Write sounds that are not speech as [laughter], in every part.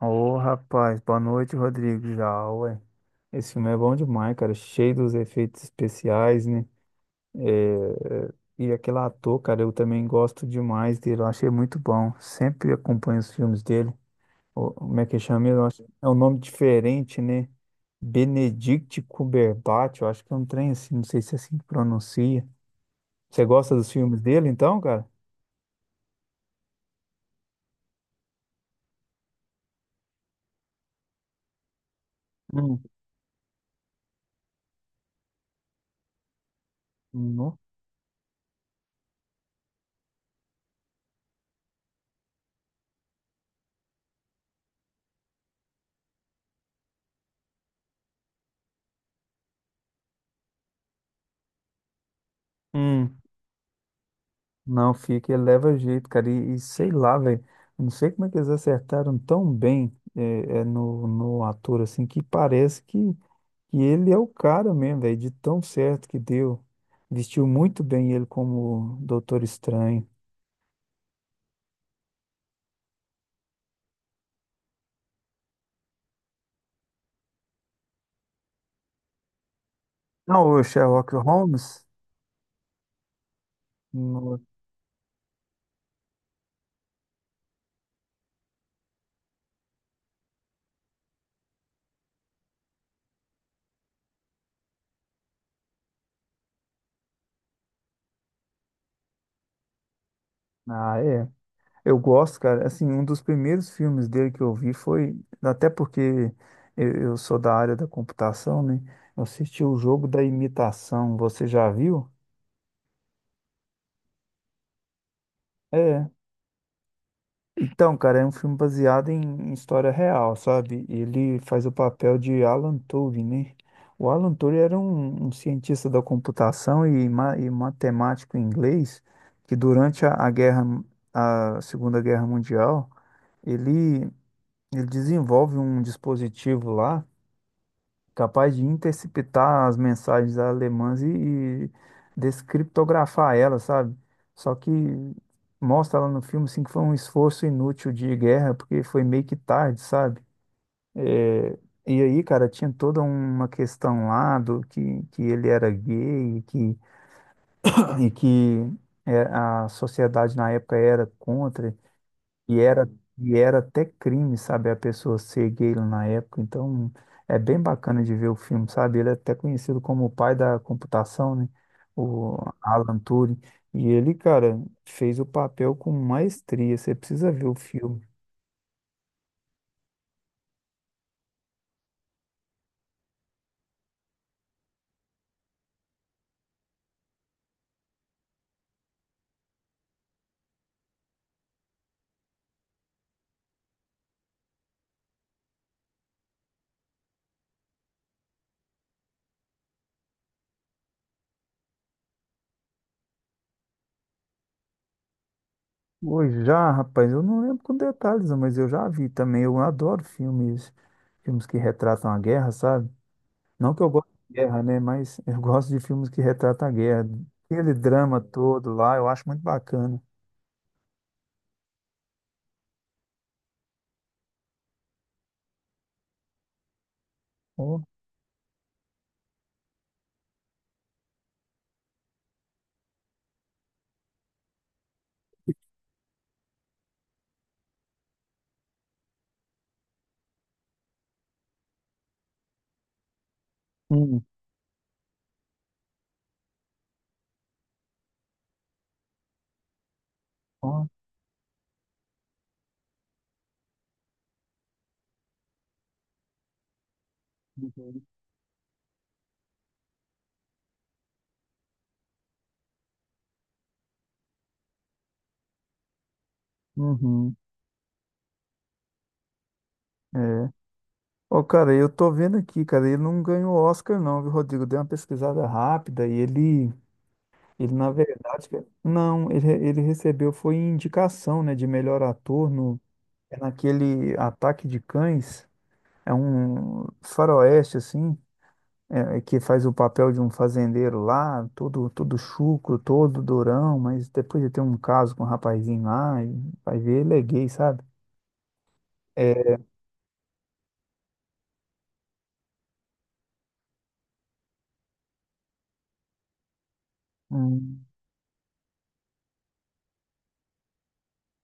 Ô, rapaz, boa noite, Rodrigo. Já, ué. Esse filme é bom demais, cara. Cheio dos efeitos especiais, né? É, é, E aquele ator, cara, eu também gosto demais dele. Eu achei muito bom. Sempre acompanho os filmes dele. Como é que chama mesmo? É um nome diferente, né? Benedict Cumberbatch. Eu acho que é um trem assim. Não sei se é assim que pronuncia. Você gosta dos filmes dele, então, cara? Hum, não. Hum. Não fica, ele leva jeito, cara. E sei lá, velho. Não sei como é que eles acertaram tão bem no ator, assim, que parece que ele é o cara mesmo, velho, de tão certo que deu. Vestiu muito bem ele como Doutor Estranho. Não, o Sherlock Holmes. no- Ah, é. Eu gosto, cara. Assim, um dos primeiros filmes dele que eu vi foi. Até porque eu sou da área da computação, né? Eu assisti O Jogo da Imitação. Você já viu? É. Então, cara, é um filme baseado em história real, sabe? Ele faz o papel de Alan Turing, né? O Alan Turing era um cientista da computação e matemático inglês que durante a guerra, a Segunda Guerra Mundial, ele, ele desenvolve um dispositivo lá capaz de interceptar as mensagens alemãs e descriptografar elas, sabe? Só que mostra lá no filme assim, que foi um esforço inútil de guerra, porque foi meio que tarde, sabe? É, e aí, cara, tinha toda uma questão lá do que ele era gay e que é, a sociedade na época era contra. E era, e era até crime, sabe, a pessoa ser gay lá na época. Então, é bem bacana de ver o filme, sabe? Ele é até conhecido como o pai da computação, né? O Alan Turing. E ele, cara, fez o papel com maestria. Você precisa ver o filme. Hoje já, rapaz, eu não lembro com detalhes, não, mas eu já vi também. Eu adoro filmes, filmes que retratam a guerra, sabe? Não que eu goste de guerra, né? Mas [laughs] eu gosto de filmes que retratam a guerra. Aquele drama todo lá, eu acho muito bacana. Ó. Hum, ó, uhum. Uhum, é. Ô, cara, eu tô vendo aqui, cara, ele não ganhou Oscar não, viu, Rodrigo? Dei uma pesquisada rápida e ele na verdade, cara, não, ele recebeu foi indicação, né, de melhor ator no, é naquele Ataque de Cães, é um faroeste, assim, é que faz o papel de um fazendeiro lá, todo, todo chucro, todo durão, mas depois de ter um caso com um rapazinho lá, e vai ver, ele é gay, sabe? É, hum.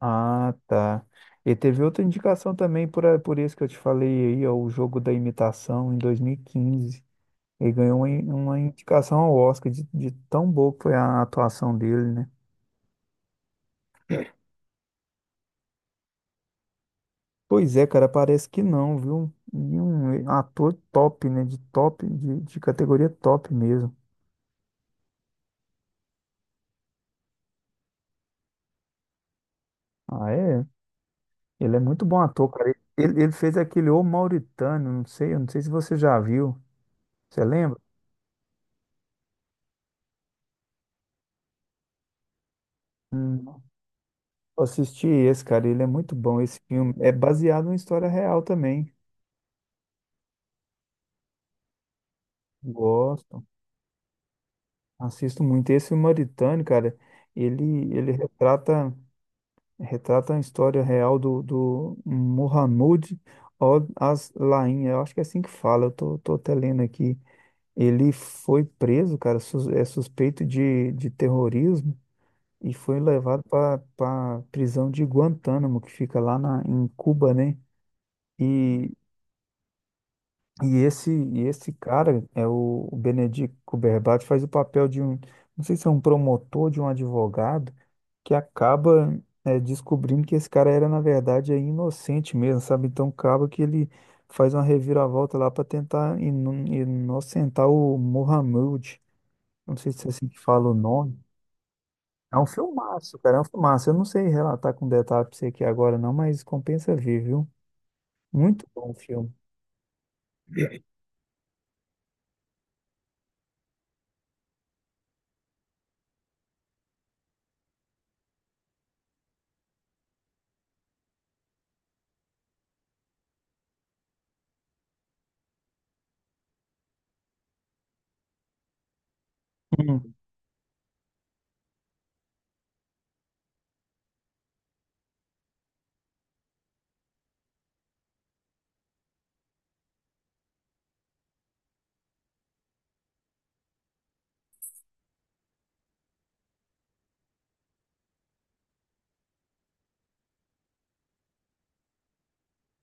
Ah, tá. E teve outra indicação também, por isso que eu te falei aí, ó, O Jogo da Imitação em 2015. Ele ganhou uma, uma indicação ao Oscar, de tão boa que foi a atuação dele, né? Pois é, cara, parece que não, viu? E um ator top, né? De top, de categoria top mesmo. Ah, é? Ele é muito bom ator, cara. Ele fez aquele O Mauritano, não sei, eu não sei se você já viu. Você lembra? Eu assisti esse, cara, ele é muito bom. Esse filme é baseado em história real também. Gosto, assisto muito. Esse O Mauritânio, cara, ele, ele retrata, retrata a história real do Mohamed Al-Aslain. Eu acho que é assim que fala, tô até lendo aqui. Ele foi preso, cara, é suspeito de terrorismo e foi levado para a prisão de Guantánamo, que fica lá na, em Cuba, né? E, e esse, e esse cara é o Benedict Cumberbatch, faz o papel de um, não sei se é um promotor, de um advogado, que acaba eh, descobrindo que esse cara era, na verdade, é inocente mesmo, sabe? Então acaba que ele faz uma reviravolta lá para tentar inocentar o Mohammed. Não sei se é assim que fala o nome. É um filmaço, cara, é um filmaço. Eu não sei relatar com detalhe pra você aqui agora, não, mas compensa ver, viu? Muito bom o filme.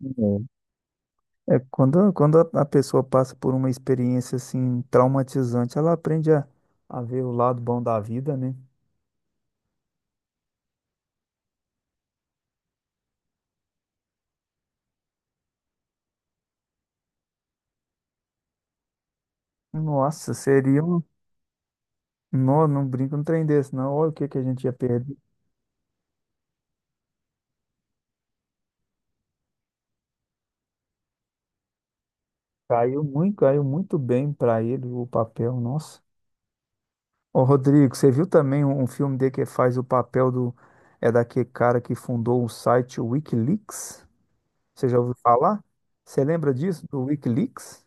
Hum. É, quando a pessoa passa por uma experiência assim traumatizante, ela aprende a ver o lado bom da vida, né? Nossa, seria um. Não, não brinca um trem desse, não. Olha o que que a gente ia perder. Caiu muito bem para ele o papel, nossa. Ô, Rodrigo, você viu também um filme dele que faz o papel do. É daquele cara que fundou o site Wikileaks? Você já ouviu falar? Você lembra disso, do Wikileaks?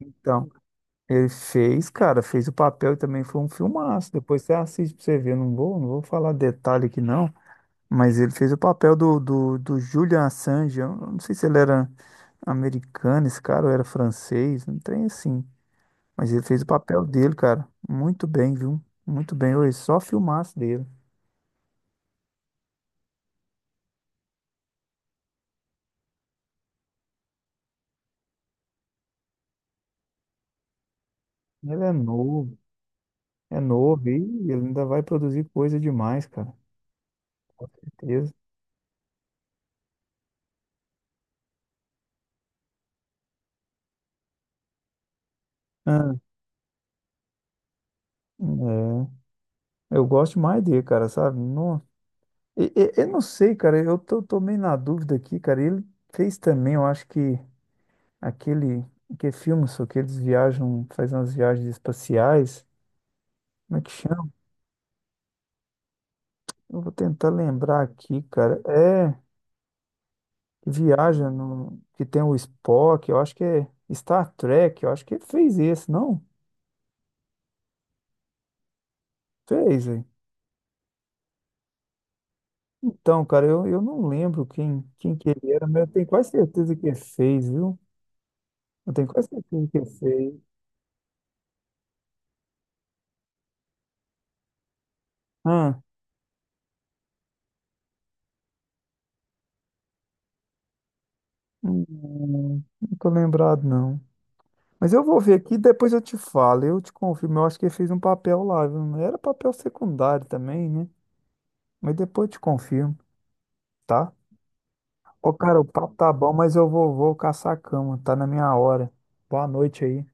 Então. Ele fez, cara, fez o papel e também foi um filmaço. Depois você assiste pra você ver. Não vou falar detalhe aqui não, mas ele fez o papel do Julian Assange. Eu não sei se ele era americano, esse cara, ou era francês, não tem assim. Mas ele fez o papel dele, cara. Muito bem, viu? Muito bem. Oi, só filmaço dele. Ele é novo e ele ainda vai produzir coisa demais, cara. Com certeza. Ah, é. Eu gosto mais dele, cara, sabe? Não, eu não sei, cara. Tô meio na dúvida aqui, cara. Ele fez também, eu acho que aquele que é filme, só que eles viajam, fazem umas viagens espaciais. Como é que chama? Eu vou tentar lembrar aqui, cara. É, que viaja no, que tem o Spock, eu acho que é Star Trek, eu acho que ele fez esse, não? Fez, hein? Então, cara, eu não lembro quem que ele era, mas eu tenho quase certeza que ele fez, viu? Eu tenho quase certeza que ele fez. Ah, não tô lembrado, não. Mas eu vou ver aqui, depois eu te falo, eu te confirmo. Eu acho que ele fez um papel lá, viu? Era papel secundário também, né? Mas depois eu te confirmo, tá? Ô, cara, o papo tá bom, mas vou caçar a cama, tá na minha hora. Boa noite aí,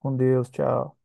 com Deus, tchau.